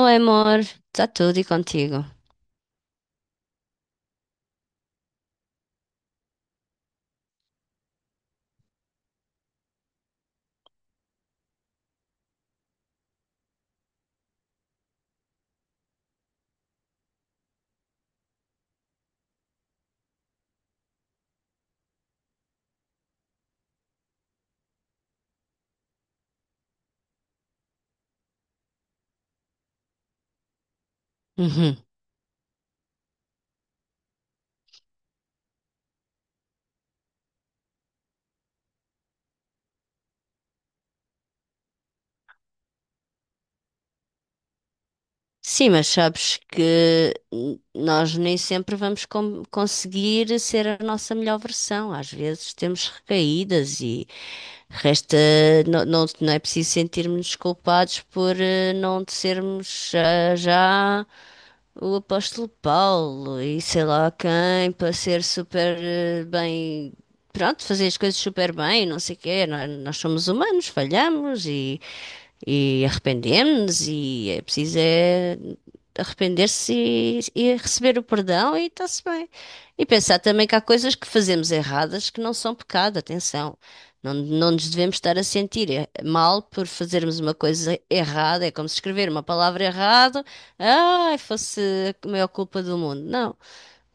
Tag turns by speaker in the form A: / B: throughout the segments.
A: Oi, amor, está tudo e contigo? Uhum. Sim, mas sabes que nós nem sempre vamos conseguir ser a nossa melhor versão. Às vezes temos recaídas e resta não, não, não é preciso sentirmos culpados por não sermos ah, já. O apóstolo Paulo e sei lá quem para ser super bem, pronto, fazer as coisas super bem, não sei o quê. Nós somos humanos, falhamos e arrependemos-nos e é preciso é arrepender-se e receber o perdão e está-se bem. E pensar também que há coisas que fazemos erradas que não são pecado, atenção. Não, não nos devemos estar a sentir mal por fazermos uma coisa errada. É como se escrever uma palavra errada, ai, fosse a maior culpa do mundo. Não.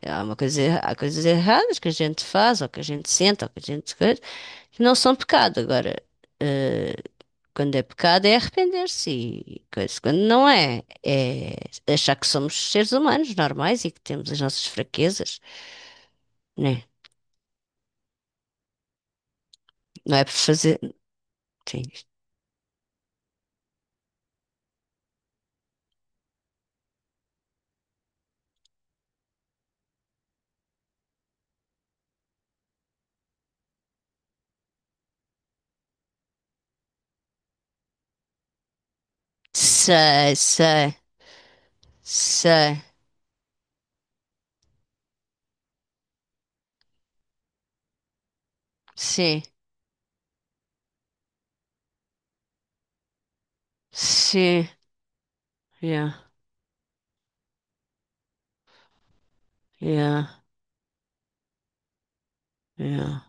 A: É, há uma coisa, há coisas erradas que a gente faz, ou que a gente sente, ou que a gente coisa, que não são pecado. Agora, eh, quando é pecado é arrepender-se e coisa. Quando não é, é achar que somos seres humanos normais e que temos as nossas fraquezas, né? Não é por fazer. Sim. Sei, sei, sei. Sim, sim. Yeah, yeah, yeah.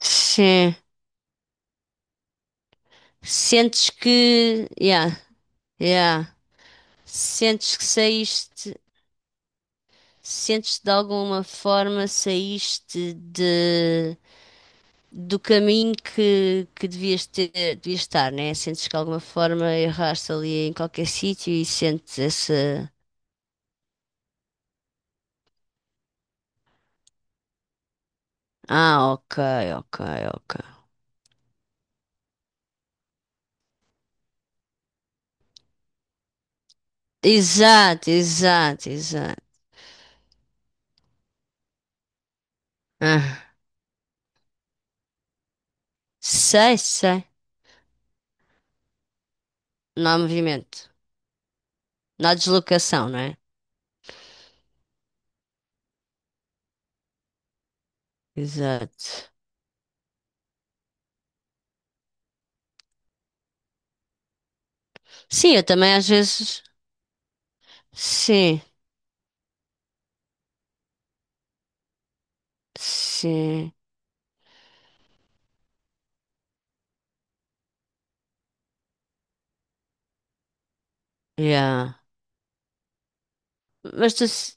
A: Sim, sentes que, yeah, yeah. Sentes que saíste, sentes que de alguma forma saíste de, do caminho que devias ter, devias estar, né? Sentes que de alguma forma erraste ali em qualquer sítio e sentes essa, ah, ok, ok, ok. Exato, exato, exato. Ah, sei, sei. Não há movimento, não há deslocação, não é? Exato. Sim, eu também às vezes, sim. Sim, yeah. Mas tu,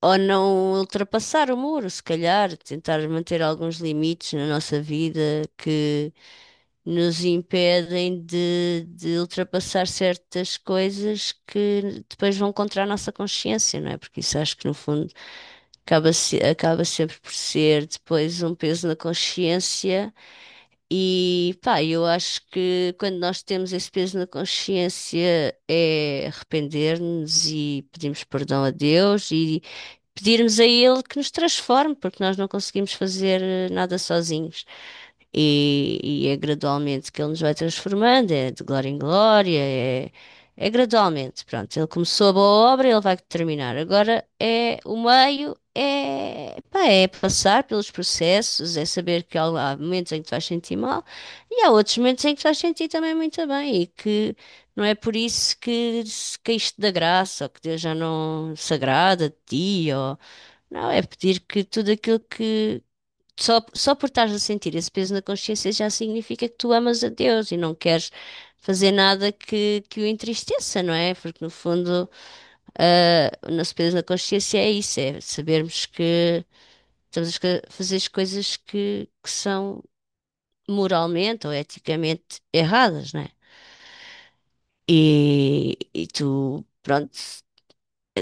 A: ou não ultrapassar o muro, se calhar, tentar manter alguns limites na nossa vida que nos impedem de ultrapassar certas coisas que depois vão contra a nossa consciência, não é? Porque isso acho que no fundo acaba, acaba sempre por ser depois um peso na consciência. E pá, eu acho que quando nós temos esse peso na consciência é arrepender-nos e pedimos perdão a Deus e pedirmos a Ele que nos transforme, porque nós não conseguimos fazer nada sozinhos. E é gradualmente que Ele nos vai transformando, é de glória em glória, é, é gradualmente. Pronto, Ele começou a boa obra, Ele vai terminar. Agora é o meio, é, pá, é passar pelos processos, é saber que há momentos em que tu vais sentir mal e há outros momentos em que tu vais sentir também muito bem e que não é por isso que se caíste da graça ou que Deus já não se agrada de ti ou não, é pedir que tudo aquilo que. Só por estares a sentir esse peso na consciência já significa que tu amas a Deus e não queres fazer nada que, que o entristeça, não é? Porque no fundo, ah, o nosso peso na consciência é isso, é sabermos que estamos a fazer as coisas que são moralmente ou eticamente erradas, não é? E tu, pronto,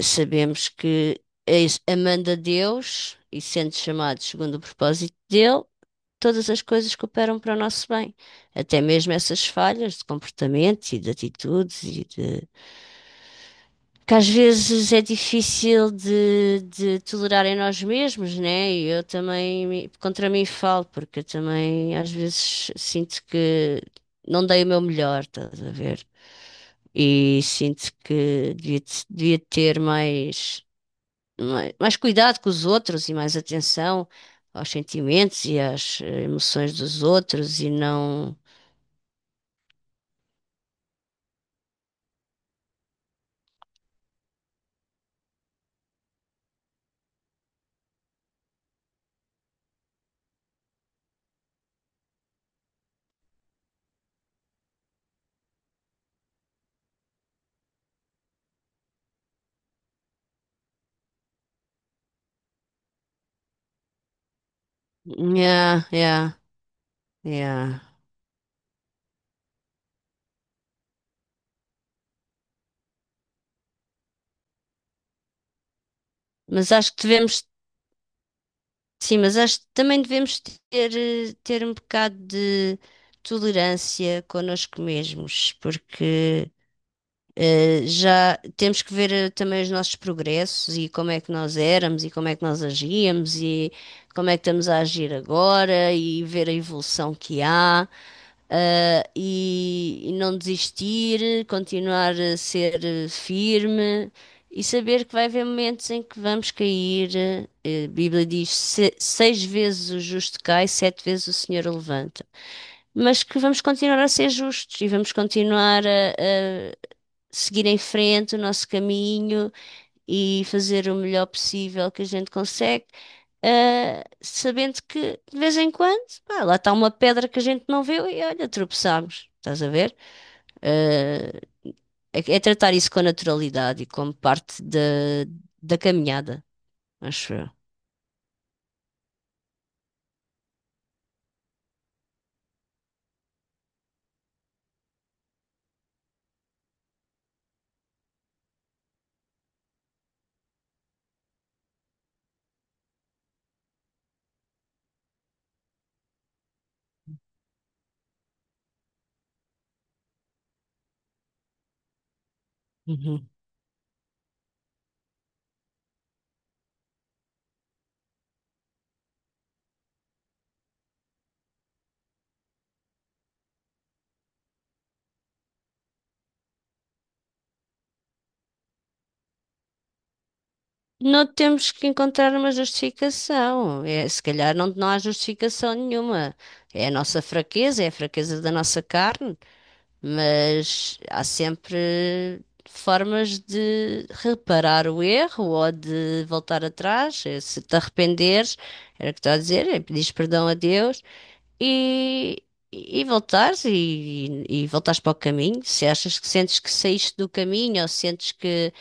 A: sabemos que amando a Deus e sendo chamado segundo o propósito dele, todas as coisas que operam para o nosso bem, até mesmo essas falhas de comportamento e de atitudes e de que às vezes é difícil de tolerar em nós mesmos, né? E eu também contra mim falo, porque eu também às vezes sinto que não dei o meu melhor, estás a ver? E sinto que devia, devia ter mais, mais cuidado com os outros e mais atenção aos sentimentos e às emoções dos outros e não. Yeah, yeah, yeah. Mas acho que devemos, sim, mas acho que também devemos ter, ter um bocado de tolerância connosco mesmos, porque já temos que ver também os nossos progressos e como é que nós éramos e como é que nós agíamos e como é que estamos a agir agora e ver a evolução que há. E, e não desistir, continuar a ser firme e saber que vai haver momentos em que vamos cair. A Bíblia diz: Seis vezes o justo cai, sete vezes o Senhor o levanta." Mas que vamos continuar a ser justos e vamos continuar a seguir em frente o nosso caminho e fazer o melhor possível que a gente consegue, sabendo que de vez em quando, pá, lá está uma pedra que a gente não vê e olha, tropeçamos. Estás a ver? Ah, é, é tratar isso com naturalidade e como parte da, da caminhada, acho eu. Uhum. Não temos que encontrar uma justificação. É, se calhar não, não há justificação nenhuma. É a nossa fraqueza, é a fraqueza da nossa carne, mas há sempre formas de reparar o erro ou de voltar atrás. Eh, se te arrependeres, era o que estou a dizer, é pedires perdão a Deus e, e voltares e voltares para o caminho. Se achas que sentes que saíste do caminho ou sentes que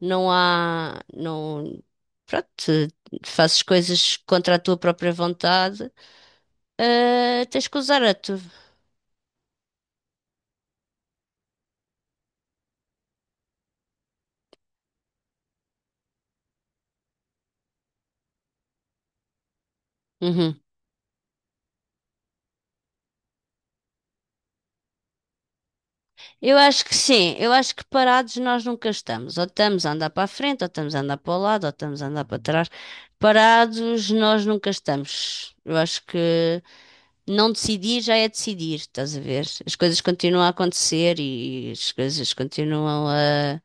A: não há, não, pronto, te- fazes coisas contra a tua própria vontade, tens que usar a tua. Uhum. Eu acho que sim, eu acho que parados nós nunca estamos. Ou estamos a andar para a frente, ou estamos a andar para o lado, ou estamos a andar para trás. Parados nós nunca estamos. Eu acho que não decidir já é decidir, estás a ver? As coisas continuam a acontecer e as coisas continuam a.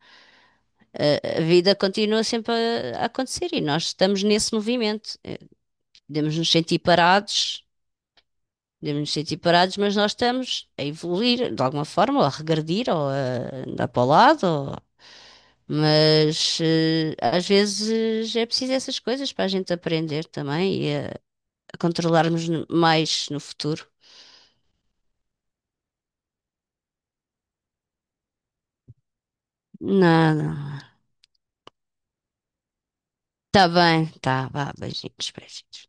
A: A vida continua sempre a acontecer e nós estamos nesse movimento. Podemos nos sentir parados, podemos nos sentir parados, mas nós estamos a evoluir de alguma forma, ou a regredir, ou a andar para o lado, ou mas às vezes é preciso essas coisas para a gente aprender também a controlarmos mais no futuro. Nada. Tá bem, tá, vá, beijinhos, beijinhos.